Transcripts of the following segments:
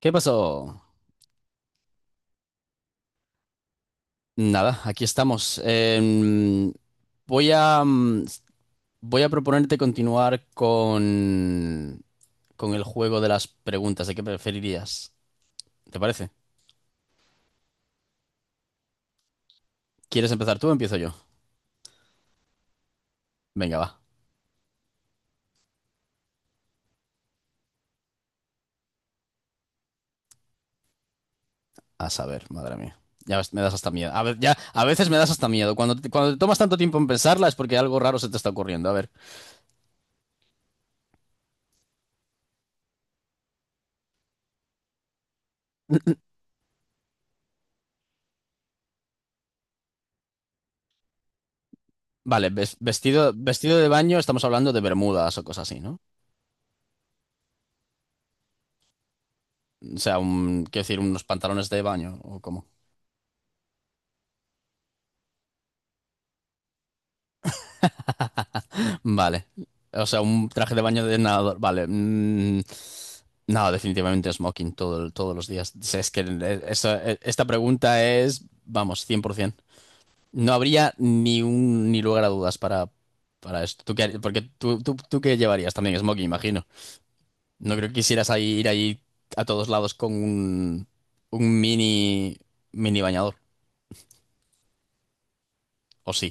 ¿Qué pasó? Nada, aquí estamos. Voy a, mm, Voy a proponerte continuar con el juego de las preguntas de qué preferirías. ¿Te parece? ¿Quieres empezar tú o empiezo yo? Venga, va. A saber, madre mía. Ya ves, me das hasta miedo. Ya, a veces me das hasta miedo. Cuando te tomas tanto tiempo en pensarla es porque algo raro se te está ocurriendo. A ver. Vale, vestido de baño, estamos hablando de bermudas o cosas así, ¿no? O sea, quiero decir, unos pantalones de baño o cómo. Vale. O sea, un traje de baño de nadador. Vale. No, definitivamente smoking todos los días. O sea, es que esta pregunta es, vamos, 100%. No habría ni lugar a dudas para esto. ¿Tú qué, porque tú qué llevarías también smoking, imagino? No creo que quisieras ir ahí a todos lados con un mini bañador. ¿O sí?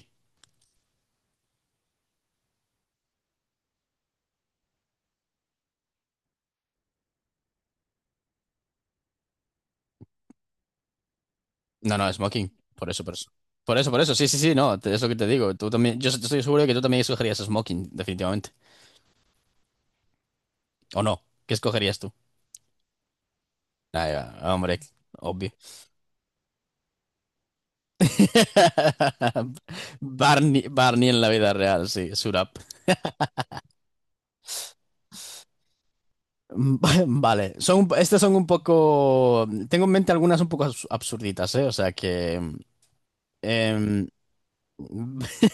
No, no, smoking. Por eso, por eso. Por eso, por eso. Sí, sí, sí, no. Es lo que te digo. Tú también. Yo estoy seguro de que tú también escogerías smoking, definitivamente. ¿O no? ¿Qué escogerías tú? Ah, hombre, obvio. Barney, Barney en la vida real, sí, Surap. Vale, son, estas son un poco. Tengo en mente algunas un poco absurditas, ¿eh? O sea que. em,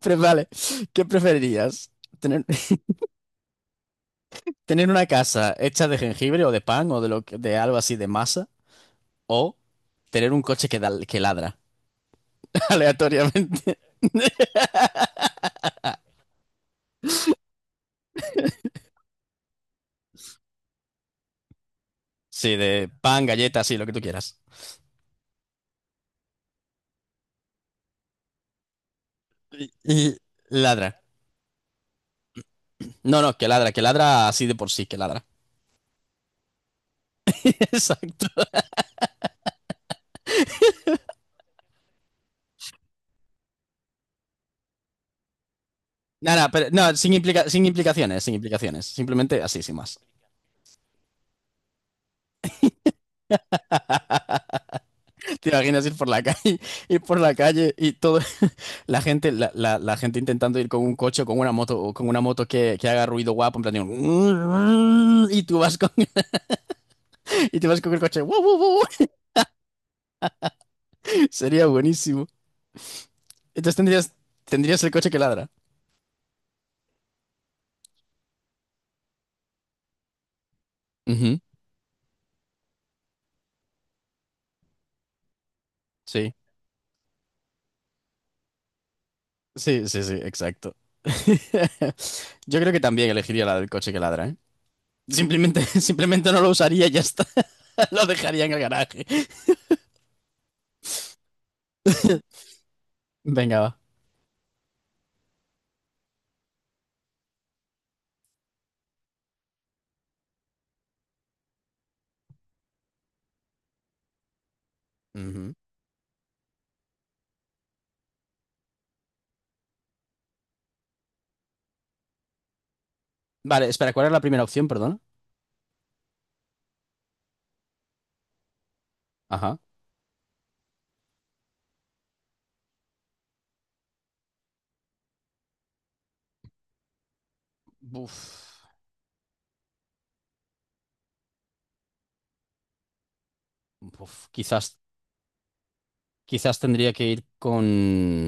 vale, ¿qué preferirías? ¿Tener, tener una casa hecha de jengibre o de pan o de, de algo así de masa? O tener un coche que, que ladra aleatoriamente. Sí, de pan, galletas, sí, lo que tú quieras. Y ladra. No, no, que ladra así de por sí, que ladra. Exacto. Nada, pero no, sin implicaciones, sin implicaciones. Simplemente así, sin más. ¿Te imaginas ir por la calle, ir por la calle y todo, la gente, la gente intentando ir con un coche o con una moto, o con una moto que haga ruido guapo, en plan, y tú vas con, y tú vas con el coche, "Wow, wow, wow". Sería buenísimo. Entonces tendrías el coche que ladra. Ujú, sí, sí, sí, sí, exacto. Yo creo que también elegiría la del coche que ladra, ¿eh? Simplemente, simplemente no lo usaría y ya está. Lo dejaría en el garaje. Venga, va. Ujú. Vale, espera, ¿cuál era la primera opción, perdón? Ajá. Buf, buf, quizás, quizás tendría que ir con...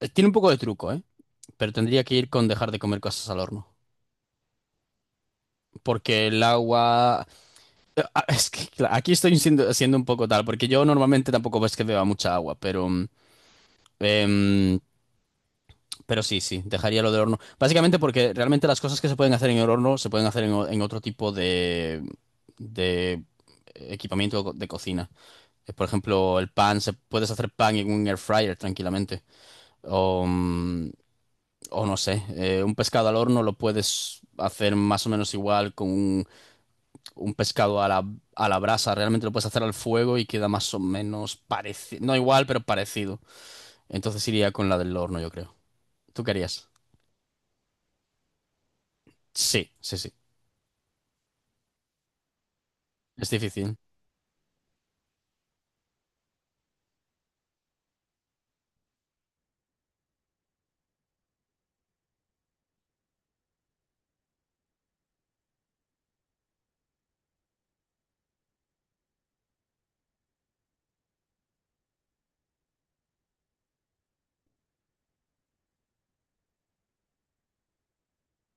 tiene un poco de truco, ¿eh? Pero tendría que ir con dejar de comer cosas al horno. Porque el agua... Es que aquí estoy siendo un poco tal, porque yo normalmente tampoco ves que beba mucha agua, pero, em, pero sí, sí, dejaría lo del horno. Básicamente porque realmente las cosas que se pueden hacer en el horno se pueden hacer en otro tipo de equipamiento de cocina. Por ejemplo, el pan, puedes hacer pan en un air fryer tranquilamente. O, mm, o no sé, un pescado al horno lo puedes hacer más o menos igual un pescado a la brasa, realmente lo puedes hacer al fuego y queda más o menos parecido, no igual, pero parecido. Entonces iría con la del horno, yo creo. ¿Tú querías? Sí, sí, sí. Es difícil.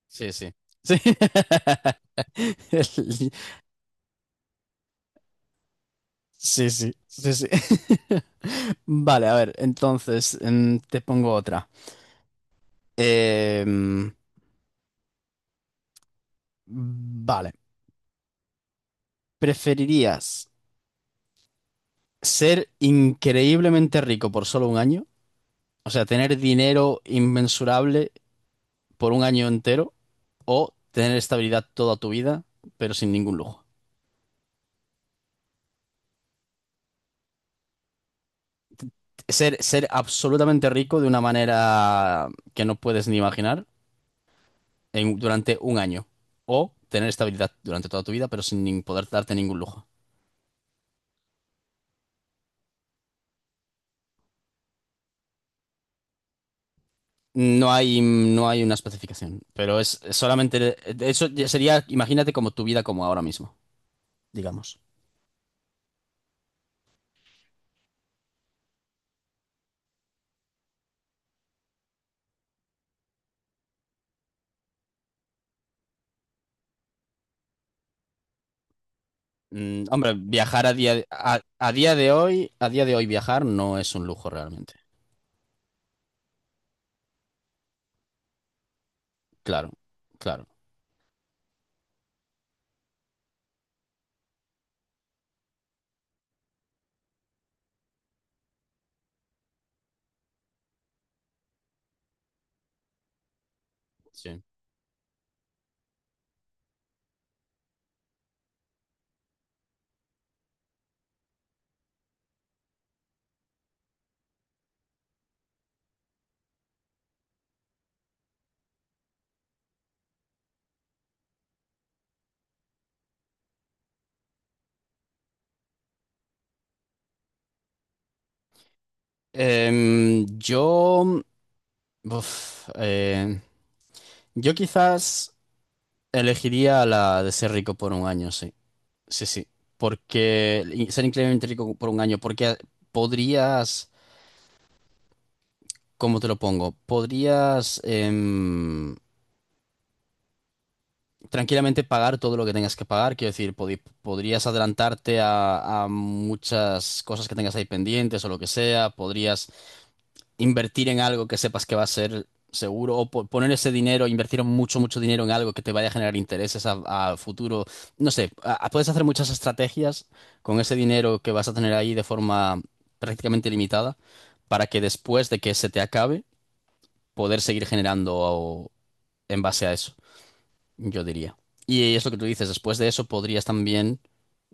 Sí, sí. Sí. Sí, sí, sí, sí. Vale, a ver, entonces te pongo otra. Em, vale, ¿preferirías ser increíblemente rico por solo un año? O sea, tener dinero inmensurable por un año entero o tener estabilidad toda tu vida, pero sin ningún lujo. Ser absolutamente rico de una manera que no puedes ni imaginar durante un año o tener estabilidad durante toda tu vida, pero sin nin- poder darte ningún lujo. No hay, no hay una especificación, pero es solamente, eso ya sería, imagínate como tu vida como ahora mismo, digamos. Mm, hombre, viajar a día de hoy viajar no es un lujo realmente. Claro, claro. Sí. Em, yo, uf, eh, yo quizás elegiría la de ser rico por un año, sí, sí, sí, porque y ser increíblemente rico por un año, porque podrías, ¿cómo te lo pongo? Podrías tranquilamente pagar todo lo que tengas que pagar, quiero decir, podrías adelantarte a, muchas cosas que tengas ahí pendientes o lo que sea, podrías invertir en algo que sepas que va a ser seguro o poner ese dinero, invertir mucho, mucho dinero en algo que te vaya a generar intereses a futuro. No sé, puedes hacer muchas estrategias con ese dinero que vas a tener ahí de forma prácticamente limitada para que después de que se te acabe, poder seguir generando en base a eso, yo diría. Y es lo que tú dices, después de eso podrías también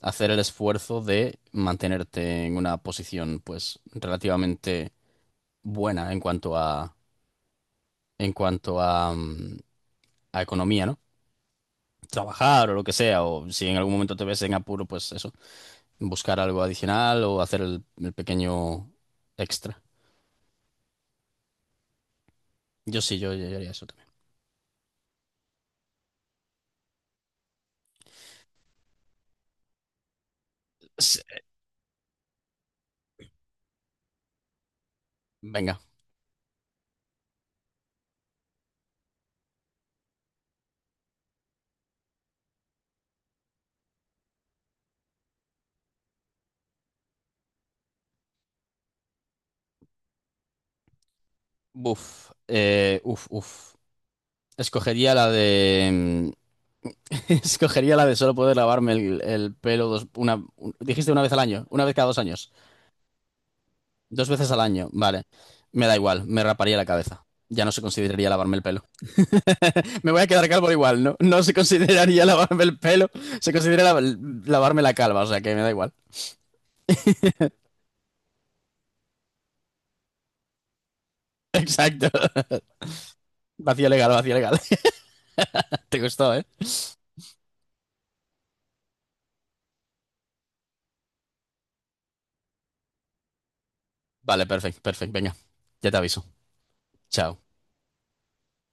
hacer el esfuerzo de mantenerte en una posición pues relativamente buena en cuanto a en cuanto a, mm, economía, ¿no? Trabajar o lo que sea, o si en algún momento te ves en apuro, pues eso, buscar algo adicional o hacer el pequeño extra. Yo sí, yo haría eso también. Sí. Venga, buf, uf, uf. Escogería la de... Escogería la de solo poder lavarme el pelo dos, una... dijiste una vez al año, una vez cada dos años. Dos veces al año, vale. Me da igual, me raparía la cabeza. Ya no se consideraría lavarme el pelo. Me voy a quedar calvo igual, ¿no? No se consideraría lavarme el pelo, se considera lavarme la calva, o sea que me da igual. Exacto. Vacío legal, vacío legal. Te gustó, ¿eh? Vale, perfecto, perfecto, venga. Ya te aviso. Chao.